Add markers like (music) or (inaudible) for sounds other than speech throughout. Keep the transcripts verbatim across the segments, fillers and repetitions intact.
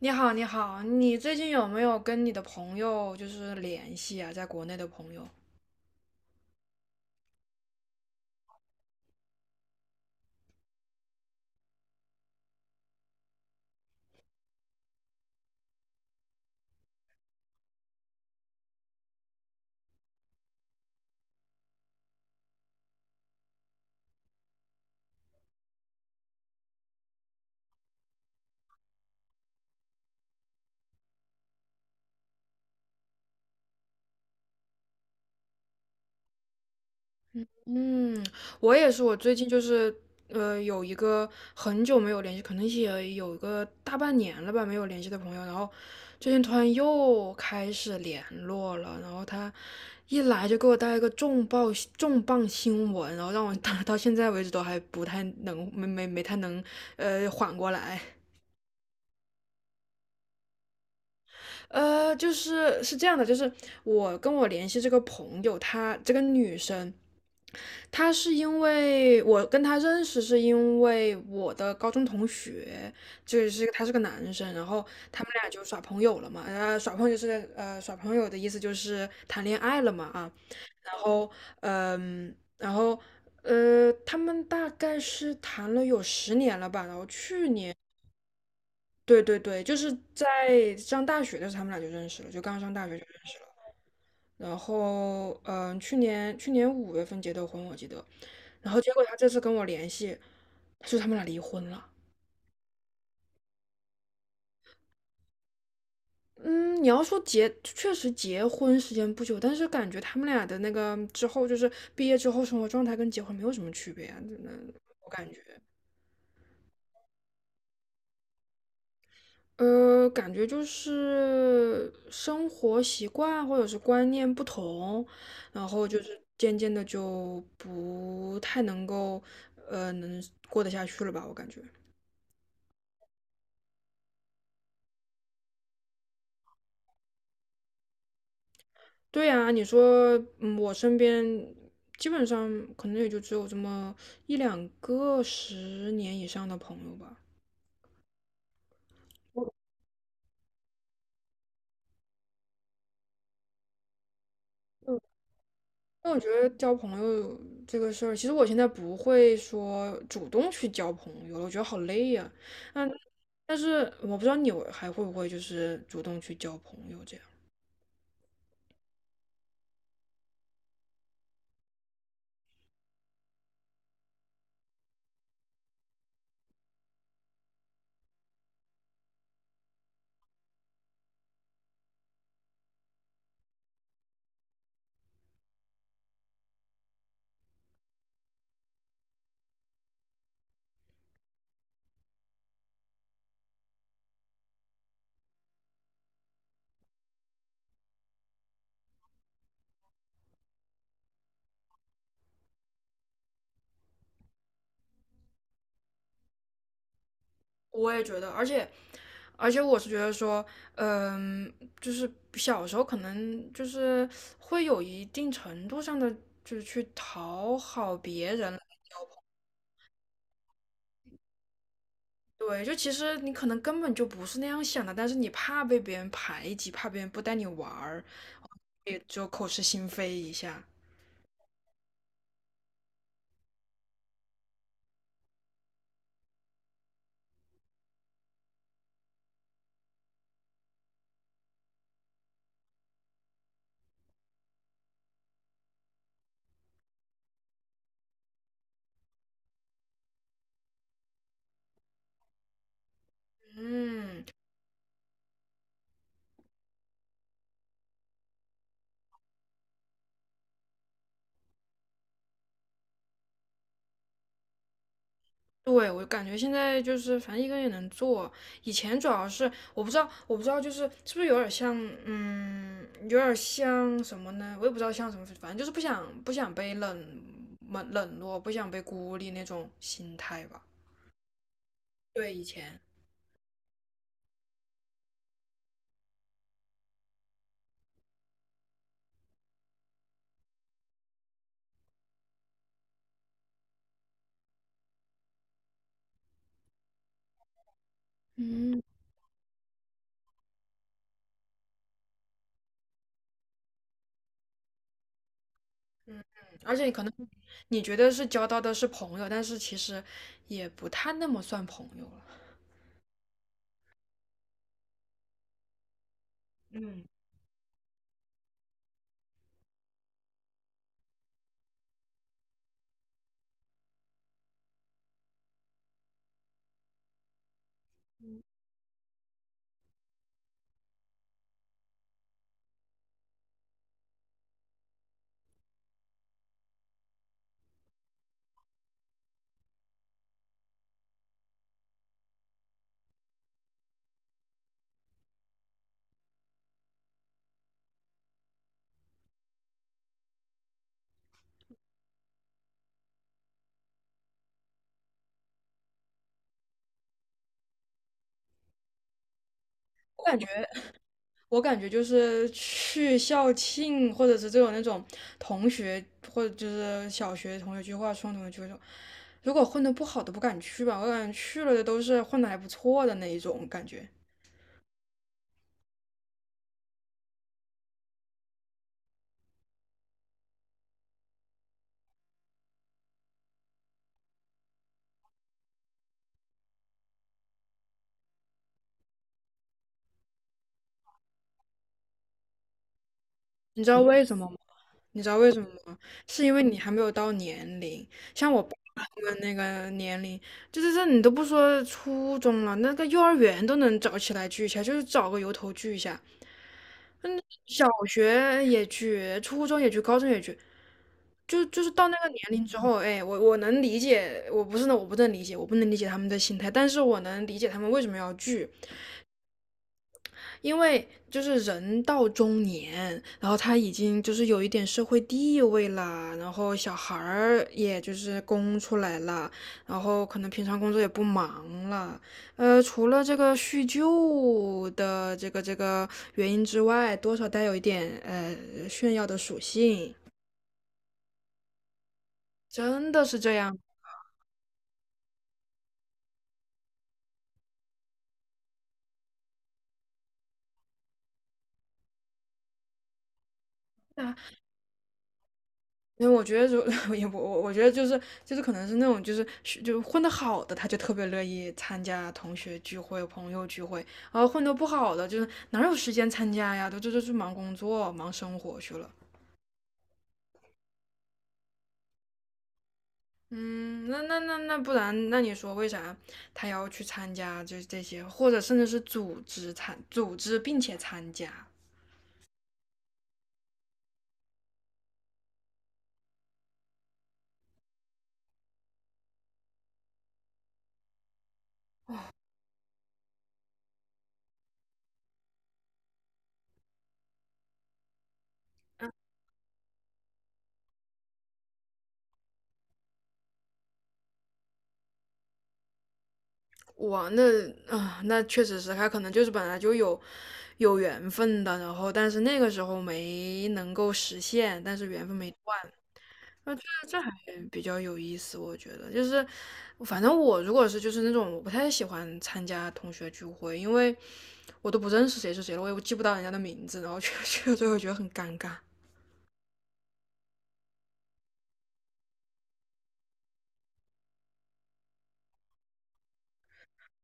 你好，你好，你最近有没有跟你的朋友就是联系啊？在国内的朋友？嗯，我也是，我最近就是呃有一个很久没有联系，可能也有个大半年了吧，没有联系的朋友，然后最近突然又开始联络了，然后他一来就给我带一个重磅重磅新闻，然后让我 (laughs) 到到现在为止都还不太能没没没太能呃缓过来。呃，就是是这样的，就是我跟我联系这个朋友，她这个女生，她是因为我跟她认识，是因为我的高中同学，就是他是个男生，然后他们俩就耍朋友了嘛，呃，耍朋友就是呃耍朋友的意思就是谈恋爱了嘛啊。然后嗯，然后呃，他们大概是谈了有十年了吧，然后去年。对对对，就是在上大学的时候，他们俩就认识了，就刚上大学就认识了。然后，嗯，去年去年五月份结的婚，我记得。然后结果他这次跟我联系，他说他们俩离婚了。嗯，你要说结，确实结婚时间不久，但是感觉他们俩的那个之后，就是毕业之后生活状态跟结婚没有什么区别啊，真的，我感觉。呃，感觉就是生活习惯或者是观念不同，然后就是渐渐的就不太能够，呃，能过得下去了吧？我感觉。对呀，你说，嗯，我身边基本上可能也就只有这么一两个十年以上的朋友吧。那我觉得交朋友这个事儿，其实我现在不会说主动去交朋友了，我觉得好累呀、那。但是我不知道你还会不会就是主动去交朋友这样。我也觉得，而且而且我是觉得说，嗯，呃就是小时候可能就是会有一定程度上的，就是去讨好别人。对，就其实你可能根本就不是那样想的，但是你怕被别人排挤，怕别人不带你玩儿，也就口是心非一下。嗯。对，我感觉现在就是反正一个人也能做，以前主要是我不知道，我不知道就是是不是有点像，嗯，有点像什么呢？我也不知道像什么，反正就是不想不想被冷冷冷落，不想被孤立那种心态吧。对，以前。嗯，而且你可能你觉得是交到的是朋友，但是其实也不太那么算朋友了。嗯，我感觉。我感觉就是去校庆，或者是这种那种同学，或者就是小学同学聚会、初中同学聚会这种，如果混得不好的不敢去吧，我感觉去了的都是混得还不错的那一种感觉。你知道为什么吗？你知道为什么吗？是因为你还没有到年龄，像我爸他们那个年龄，就是这你都不说初中了，那个幼儿园都能找起来聚一下，就是找个由头聚一下。嗯，小学也聚，初中也聚，高中也聚，就就是到那个年龄之后，哎，我我能理解，我不是呢，我不能理解，我不能理解他们的心态，但是我能理解他们为什么要聚，因为就是人到中年，然后他已经就是有一点社会地位啦，然后小孩儿也就是供出来了，然后可能平常工作也不忙了，呃，除了这个叙旧的这个这个原因之外，多少带有一点呃炫耀的属性，真的是这样。因为我觉得就 (laughs) 也我我我觉得就是就是可能是那种就是就混得好的，他就特别乐意参加同学聚会、朋友聚会，然后混得不好的，就是哪有时间参加呀？都这都去忙工作、忙生活去了。嗯，那那那那不然，那你说为啥他要去参加就是这些，或者甚至是组织参组织并且参加？哇，那啊、那确实是，他可能就是本来就有有缘分的，然后但是那个时候没能够实现，但是缘分没断，这还比较有意思，我觉得就是，反正我如果是就是那种我不太喜欢参加同学聚会，因为我都不认识谁是谁了，我也记不到人家的名字，然后 (laughs) 去去了之后觉得很尴尬。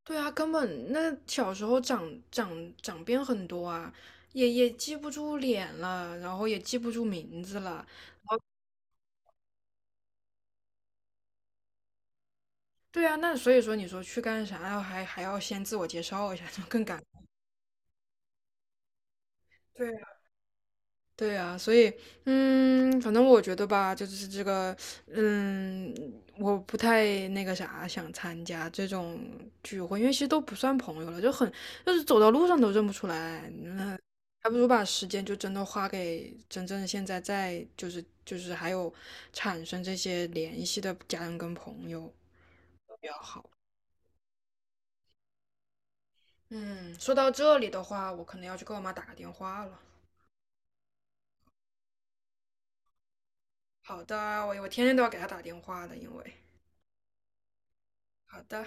对啊，根本那小时候长长长变很多啊，也也记不住脸了，然后也记不住名字了。对啊，那所以说你说去干啥，然后还还要先自我介绍一下，就更尴尬。对呀，对啊，所以，嗯，反正我觉得吧，就是这个，嗯，我不太那个啥，想参加这种聚会，因为其实都不算朋友了，就很，就是走到路上都认不出来，那还不如把时间就真的花给真正现在在，就是就是还有产生这些联系的家人跟朋友比较好。嗯，说到这里的话，我可能要去给我妈打个电话了。好的，我我天天都要给她打电话的，因为好的。